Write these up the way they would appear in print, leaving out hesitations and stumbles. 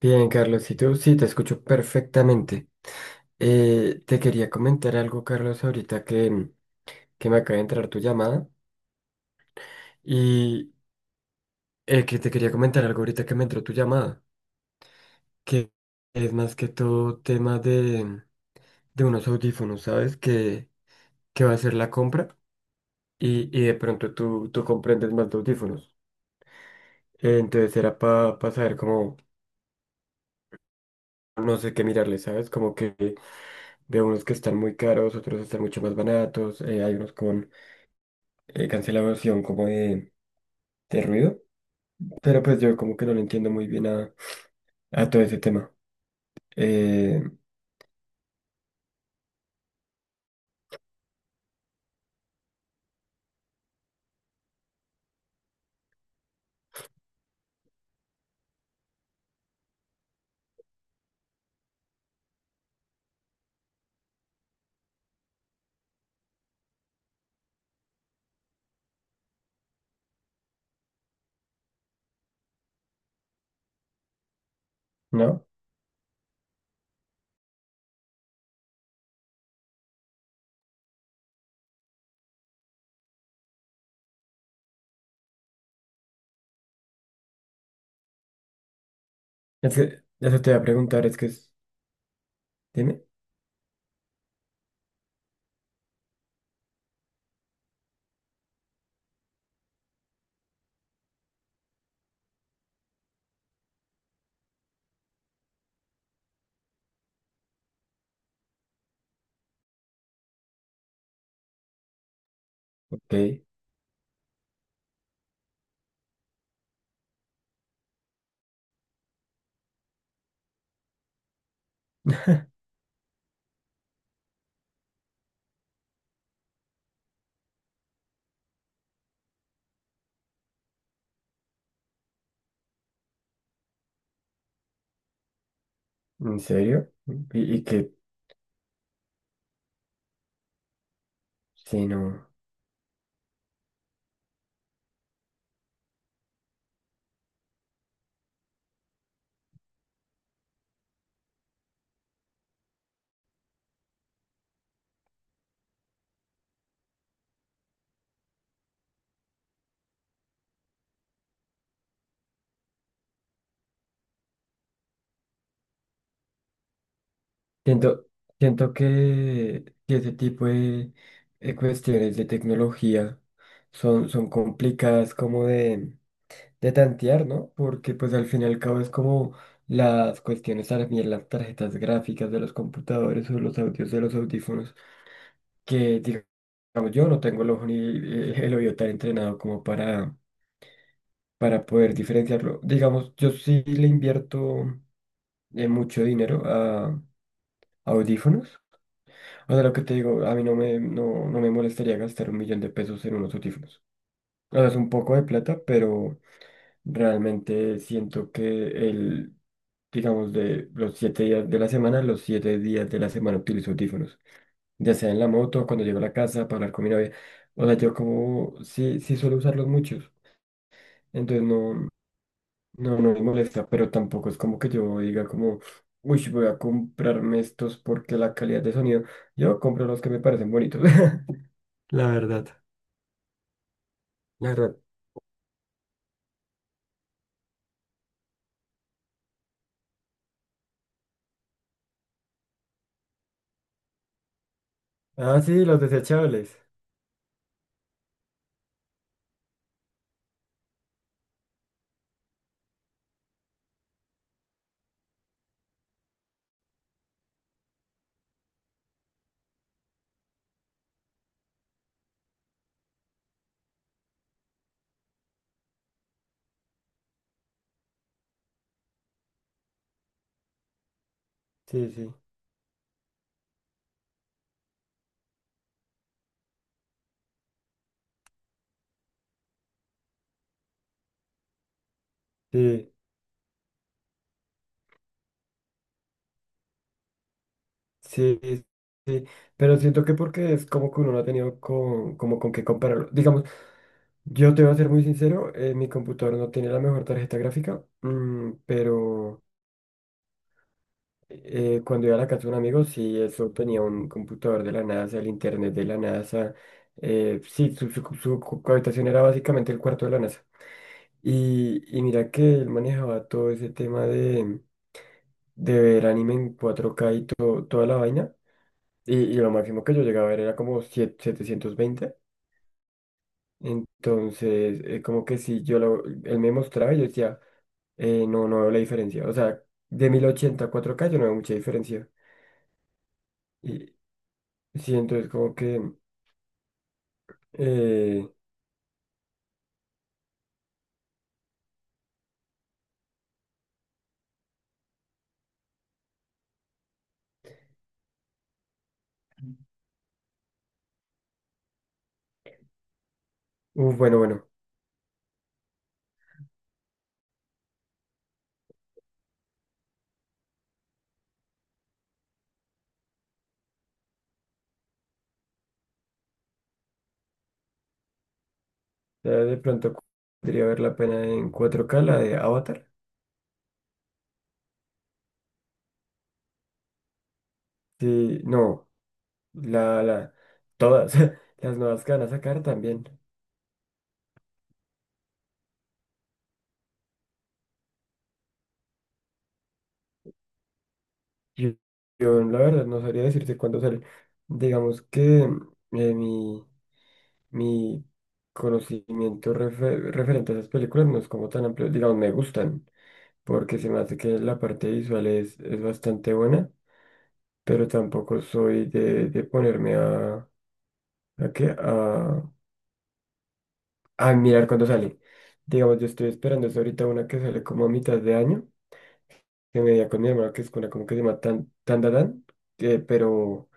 Bien, Carlos, y tú sí, te escucho perfectamente. Te quería comentar algo, Carlos, ahorita que me acaba de entrar tu llamada. Y que te quería comentar algo ahorita que me entró tu llamada, que es más que todo tema de unos audífonos, ¿sabes? Que va a ser la compra y de pronto tú comprendes más de audífonos. Entonces era para saber cómo, no sé qué mirarle, ¿sabes? Como que veo unos que están muy caros, otros están mucho más baratos, hay unos con cancelación como de ruido, pero pues yo como que no le entiendo muy bien a todo ese tema. Eh, no, es que eso te voy a preguntar, es que es, dime, ok, ¿en serio? Y que, sí, no, siento, siento que ese tipo de cuestiones de tecnología son complicadas como de tantear, ¿no? Porque pues al fin y al cabo es como las cuestiones también, las tarjetas gráficas de los computadores o los audios de los audífonos, que digamos yo no tengo el ojo ni el oído tan entrenado como para poder diferenciarlo. Digamos, yo sí le invierto mucho dinero a audífonos. O sea, lo que te digo, a mí no me molestaría gastar un millón de pesos en unos audífonos. O sea, es un poco de plata, pero... Realmente siento que el, digamos, de los 7 días de la semana, los 7 días de la semana utilizo audífonos, ya sea en la moto, cuando llego a la casa, para hablar con mi novia. O sea, yo como sí, sí suelo usarlos muchos, entonces no, no, no me molesta, pero tampoco es como que yo diga como, uy, voy a comprarme estos porque la calidad de sonido, yo compro los que me parecen bonitos, la verdad, la verdad. Ah, sí, los desechables, sí, sí, sí. Sí, sí, sí, pero siento que porque es como que uno no ha tenido con, como con qué compararlo. Digamos, yo te voy a ser muy sincero, mi computador no tiene la mejor tarjeta gráfica, pero cuando iba a la casa de un amigo, sí, eso tenía un computador de la NASA, el internet de la NASA, sí, su habitación era básicamente el cuarto de la NASA. Y mira que él manejaba todo ese tema de ver anime en 4K y toda la vaina. Y lo máximo que yo llegaba a ver era como 720. Entonces, como que si él me mostraba y yo decía, no, no veo la diferencia. O sea, de 1080 a 4K yo no veo mucha diferencia. Y sí, entonces como que, eh, uf, bueno, bueno, ya de pronto podría ver la pena en 4K la de Avatar. Sí, no, la, todas, las nuevas que van a sacar también. Yo, yo, la verdad no sabría decirte cuándo sale. Digamos que mi, mi conocimiento referente a esas películas no es como tan amplio. Digamos, me gustan, porque se me hace que la parte visual es bastante buena, pero tampoco soy de ponerme a, qué, a, a mirar cuándo sale. Digamos, yo estoy esperando es ahorita una que sale como a mitad de año, que me di con mi hermano, que es una como que se llama Tan, Tan, Tan, Tan, pero...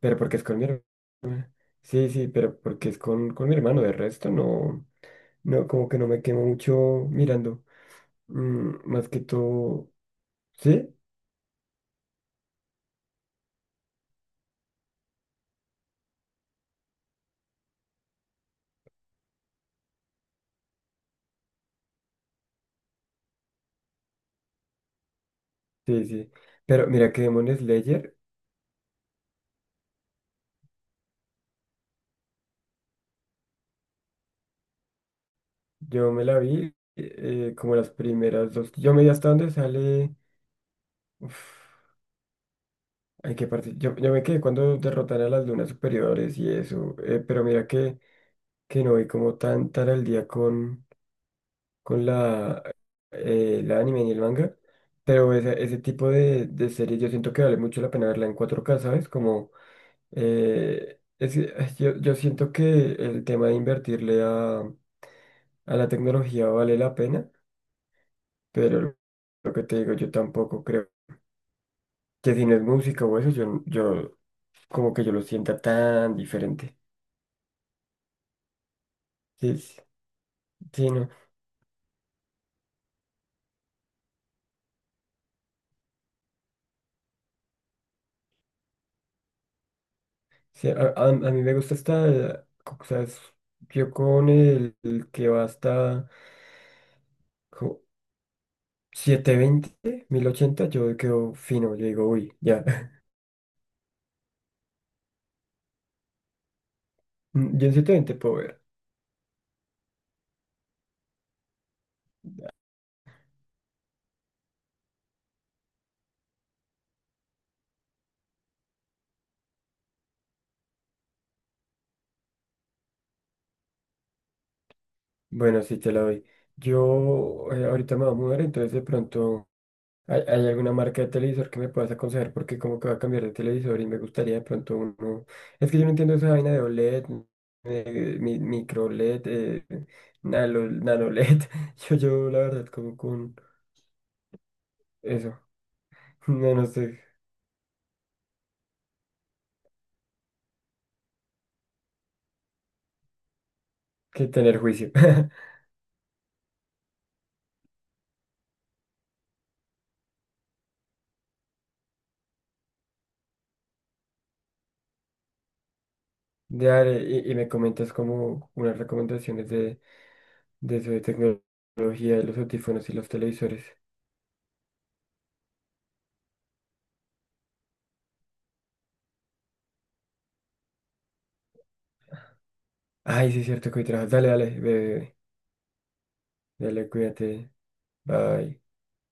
Pero porque es con mi hermana. Sí, sí, pero porque es con, mi hermano. De resto, no, no, como que no me quemo mucho mirando. Más que todo, sí, sí, sí. Pero mira que Demon Slayer, yo me la vi como las primeras dos. Yo me vi hasta donde sale. Uf, hay que partir. Yo me quedé cuando derrotan a las lunas superiores y eso. Pero mira que no vi como tan, tan al día con la anime y el manga, pero ese tipo de series yo siento que vale mucho la pena verla en 4K, ¿sabes? Como, es que, ay, yo siento que el tema de invertirle a la tecnología vale la pena, pero lo que te digo, yo tampoco creo que si no es música o eso, yo como que yo lo sienta tan diferente. Sí, sí, sí, no. Sí, a mí me gusta esta, o sea, yo con el que va hasta... jo, 720, 1080 yo quedo fino, yo digo, uy, ya. Yo en 720 puedo ver. Bueno, sí, te la doy. Yo ahorita me voy a mudar, entonces de pronto hay alguna marca de televisor que me puedas aconsejar porque como que va a cambiar de televisor y me gustaría de pronto uno... Es que yo no entiendo esa vaina de OLED, micro LED, nano LED. Yo la verdad como con eso. No, no sé qué tener juicio. Dale, y me comentas como unas recomendaciones de eso de tecnología, de los audífonos y los televisores. Ay, sí, es cierto que hoy trabajas. Dale, dale, bebé. Dale, cuídate. Bye.